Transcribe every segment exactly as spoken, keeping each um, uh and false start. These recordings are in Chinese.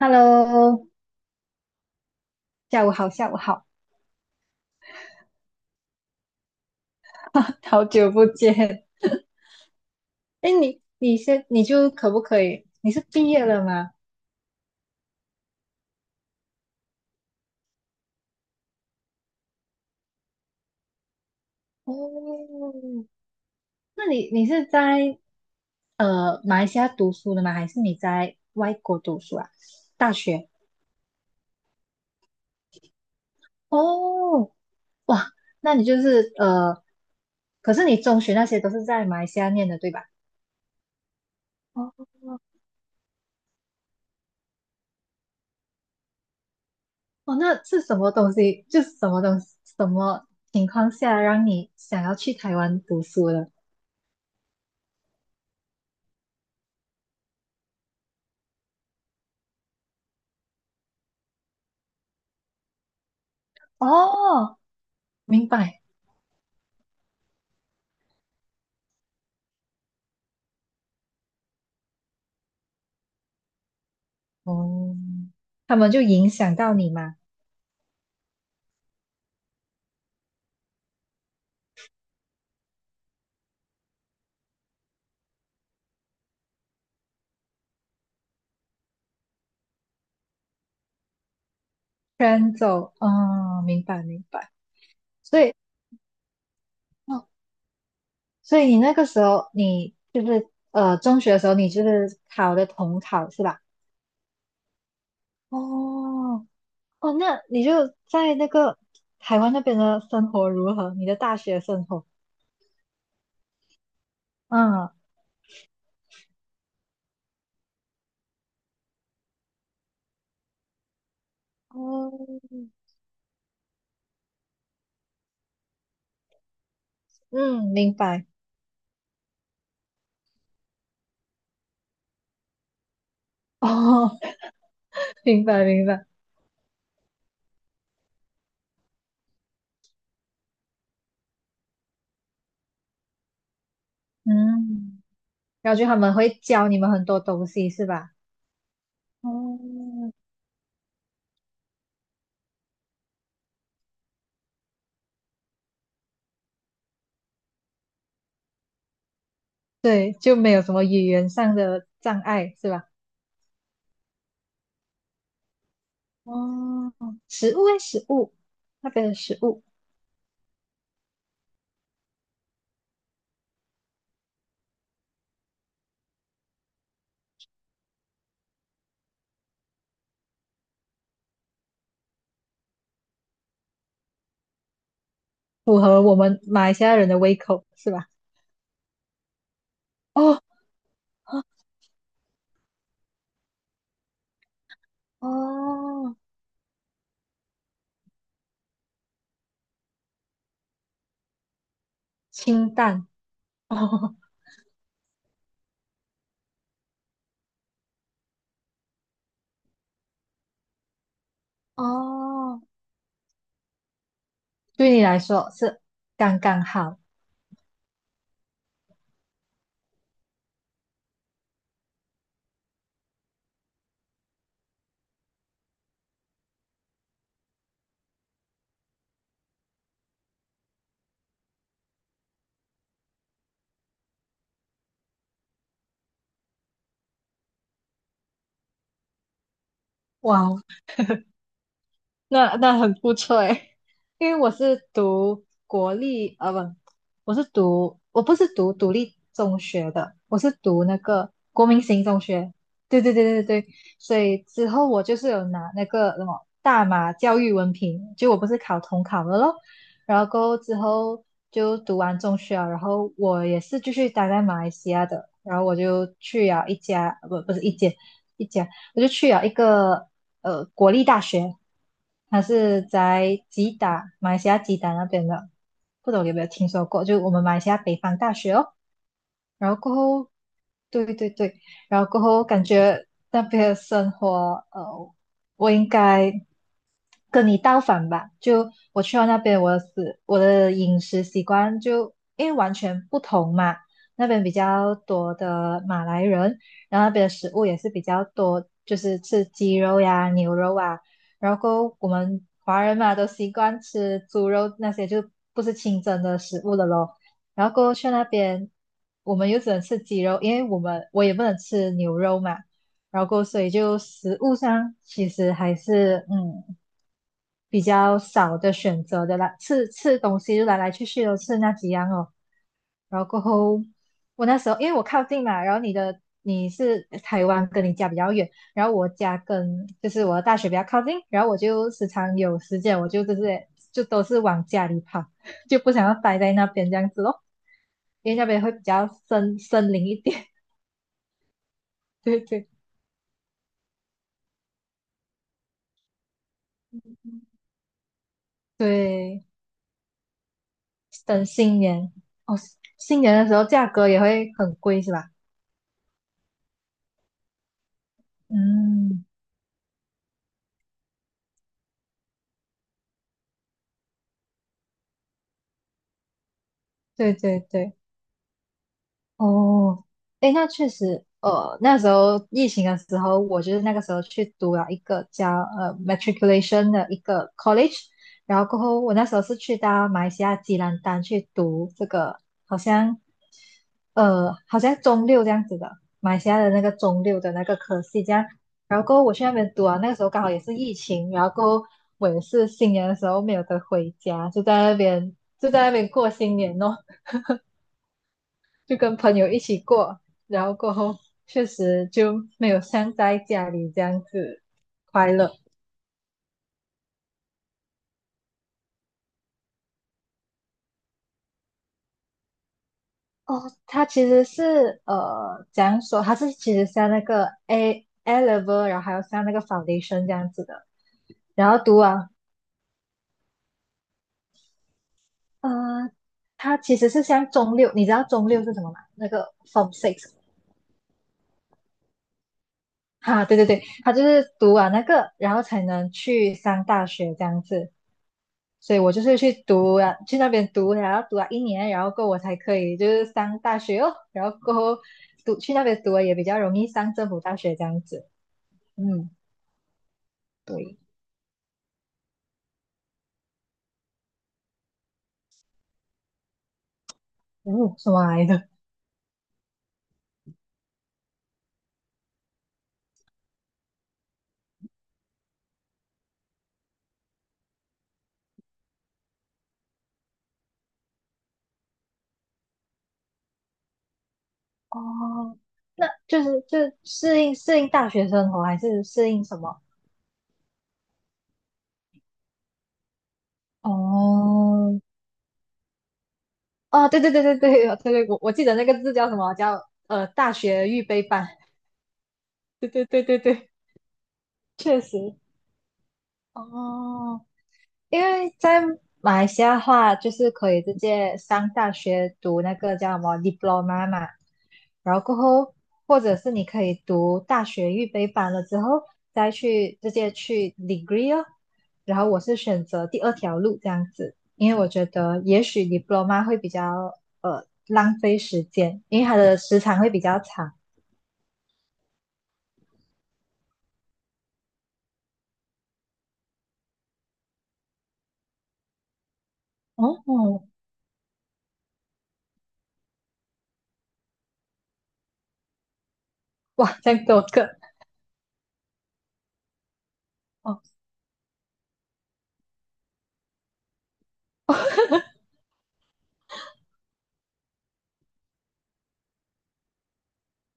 Hello，下午好，下午好，好久不见。哎，你你先，你就可不可以？你是毕业了吗？哦，那你你是在呃马来西亚读书的吗？还是你在外国读书啊？大学？哦，哇，那你就是呃，可是你中学那些都是在马来西亚念的，对吧？哦哦，那是什么东西？就是什么东西，什么情况下让你想要去台湾读书的？哦明白。哦，他们就影响到你嘛，赶走。哦，明白明白。所以，哦，所以你那个时候，你就是呃，中学的时候，你就是考的统考是吧？哦哦，那你就在那个台湾那边的生活如何？你的大学生活？嗯哦，嗯，明白。哦，明白明白。嗯，然后就他们会教你们很多东西是吧？哦，对，就没有什么语言上的障碍，是吧？哦，食物诶，食物，那边的食物符合我们马来西亚人的胃口，是吧？哦，哦，清淡，哦，哦，对你来说是刚刚好。哇，那那很不错诶，因为我是读国立，呃，不，我是读，我不是读独立中学的，我是读那个国民型中学。对对对对对，所以之后我就是有拿那个什么大马教育文凭，就我不是考统考了咯，然后过后之后就读完中学啊，然后我也是继续待在马来西亚的，然后我就去了一家，呃不不是一间。一家。我就去了一个呃国立大学，它是在吉打，马来西亚吉打那边的，不懂有没有听说过？就我们马来西亚北方大学哦。然后过后，对对对，然后过后感觉那边的生活，呃，我应该跟你倒反吧。就我去到那边，我的食我的饮食习惯就因为完全不同嘛。那边比较多的马来人，然后那边的食物也是比较多，就是吃鸡肉呀、牛肉啊。然后我们华人嘛，都习惯吃猪肉那些，就不是清真的食物了咯。然后过后去那边，我们又只能吃鸡肉，因为我们我也不能吃牛肉嘛。然后过后所以就食物上其实还是嗯比较少的选择的啦，吃吃东西就来来去去都吃那几样哦。然后过后，我那时候因为我靠近嘛，然后你的你是台湾，跟你家比较远，然后我家跟就是我的大学比较靠近，然后我就时常有时间，我就就是就都是往家里跑，就不想要待在那边这样子咯，因为那边会比较森森林一点，对对对，等新年哦，新年的时候价格也会很贵是吧？嗯，对对对。哦，诶，那确实，呃，那时候疫情的时候，我就是那个时候去读了一个叫呃 matriculation 的一个 college，然后过后我那时候是去到马来西亚吉兰丹去读这个，好像呃好像中六这样子的，马来西亚的那个中六的那个科系这样，然后过后我去那边读啊，那个时候刚好也是疫情，然后过后我也是新年的时候没有得回家，就在那边就在那边过新年哦。就跟朋友一起过，然后过后确实就没有像在家里这样子快乐。哦，他其实是呃，怎样说？他是其实像那个 A A level，然后还有像那个 foundation 这样子的。然后读完，呃，他其实是像中六，你知道中六是什么吗？那个 Form Six，哈，对对对，他就是读完那个，然后才能去上大学这样子。所以我就是去读了，去那边读，然后读了一年，然后过后我才可以就是上大学哦，然后过后读去那边读了也比较容易上政府大学这样子。嗯，对，嗯，什么来的？哦，那就是就适应适应大学生活，还是适应什么？哦，哦，对对对对对对对，我我记得那个字叫什么？叫呃大学预备班。对对对对对，确实。哦，因为在马来西亚的话，就是可以直接上大学读那个叫什么 diploma 嘛，然后过后，或者是你可以读大学预备班了之后，再去直接去 degree 哦。然后我是选择第二条路这样子，因为我觉得也许 diploma 会比较呃浪费时间，因为它的时长会比较长。哦，哇，这样多个哦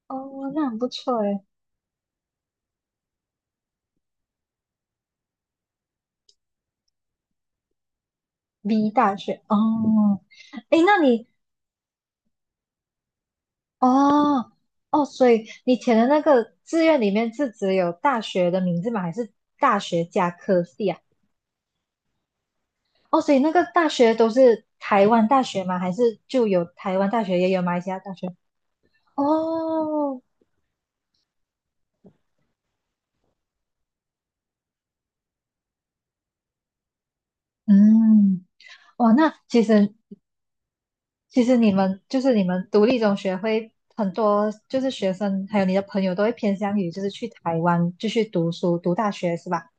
哦，那很不错诶。B 大学哦，诶，那你哦哦，所以你填的那个志愿里面是只有大学的名字吗？还是大学加科系啊？哦，所以那个大学都是台湾大学吗？还是就有台湾大学，也有马来西亚大学？哦，嗯，哦，那其实其实你们就是你们独立中学会很多，就是学生还有你的朋友都会偏向于就是去台湾继续读书读大学是吧？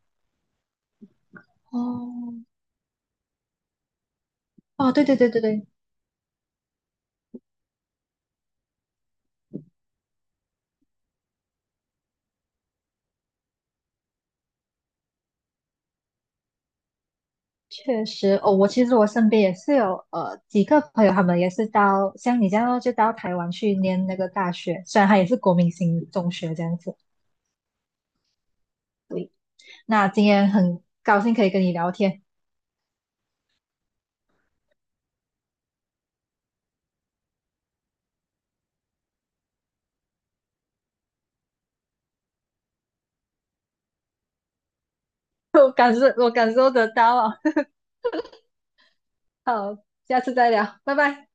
哦哦，对对对对对。确实，哦，我其实我身边也是有呃几个朋友，他们也是到像你这样咯就到台湾去念那个大学，虽然他也是国民型中学这样子。对，那今天很高兴可以跟你聊天，我感受我感受得到啊。好，下次再聊，拜拜。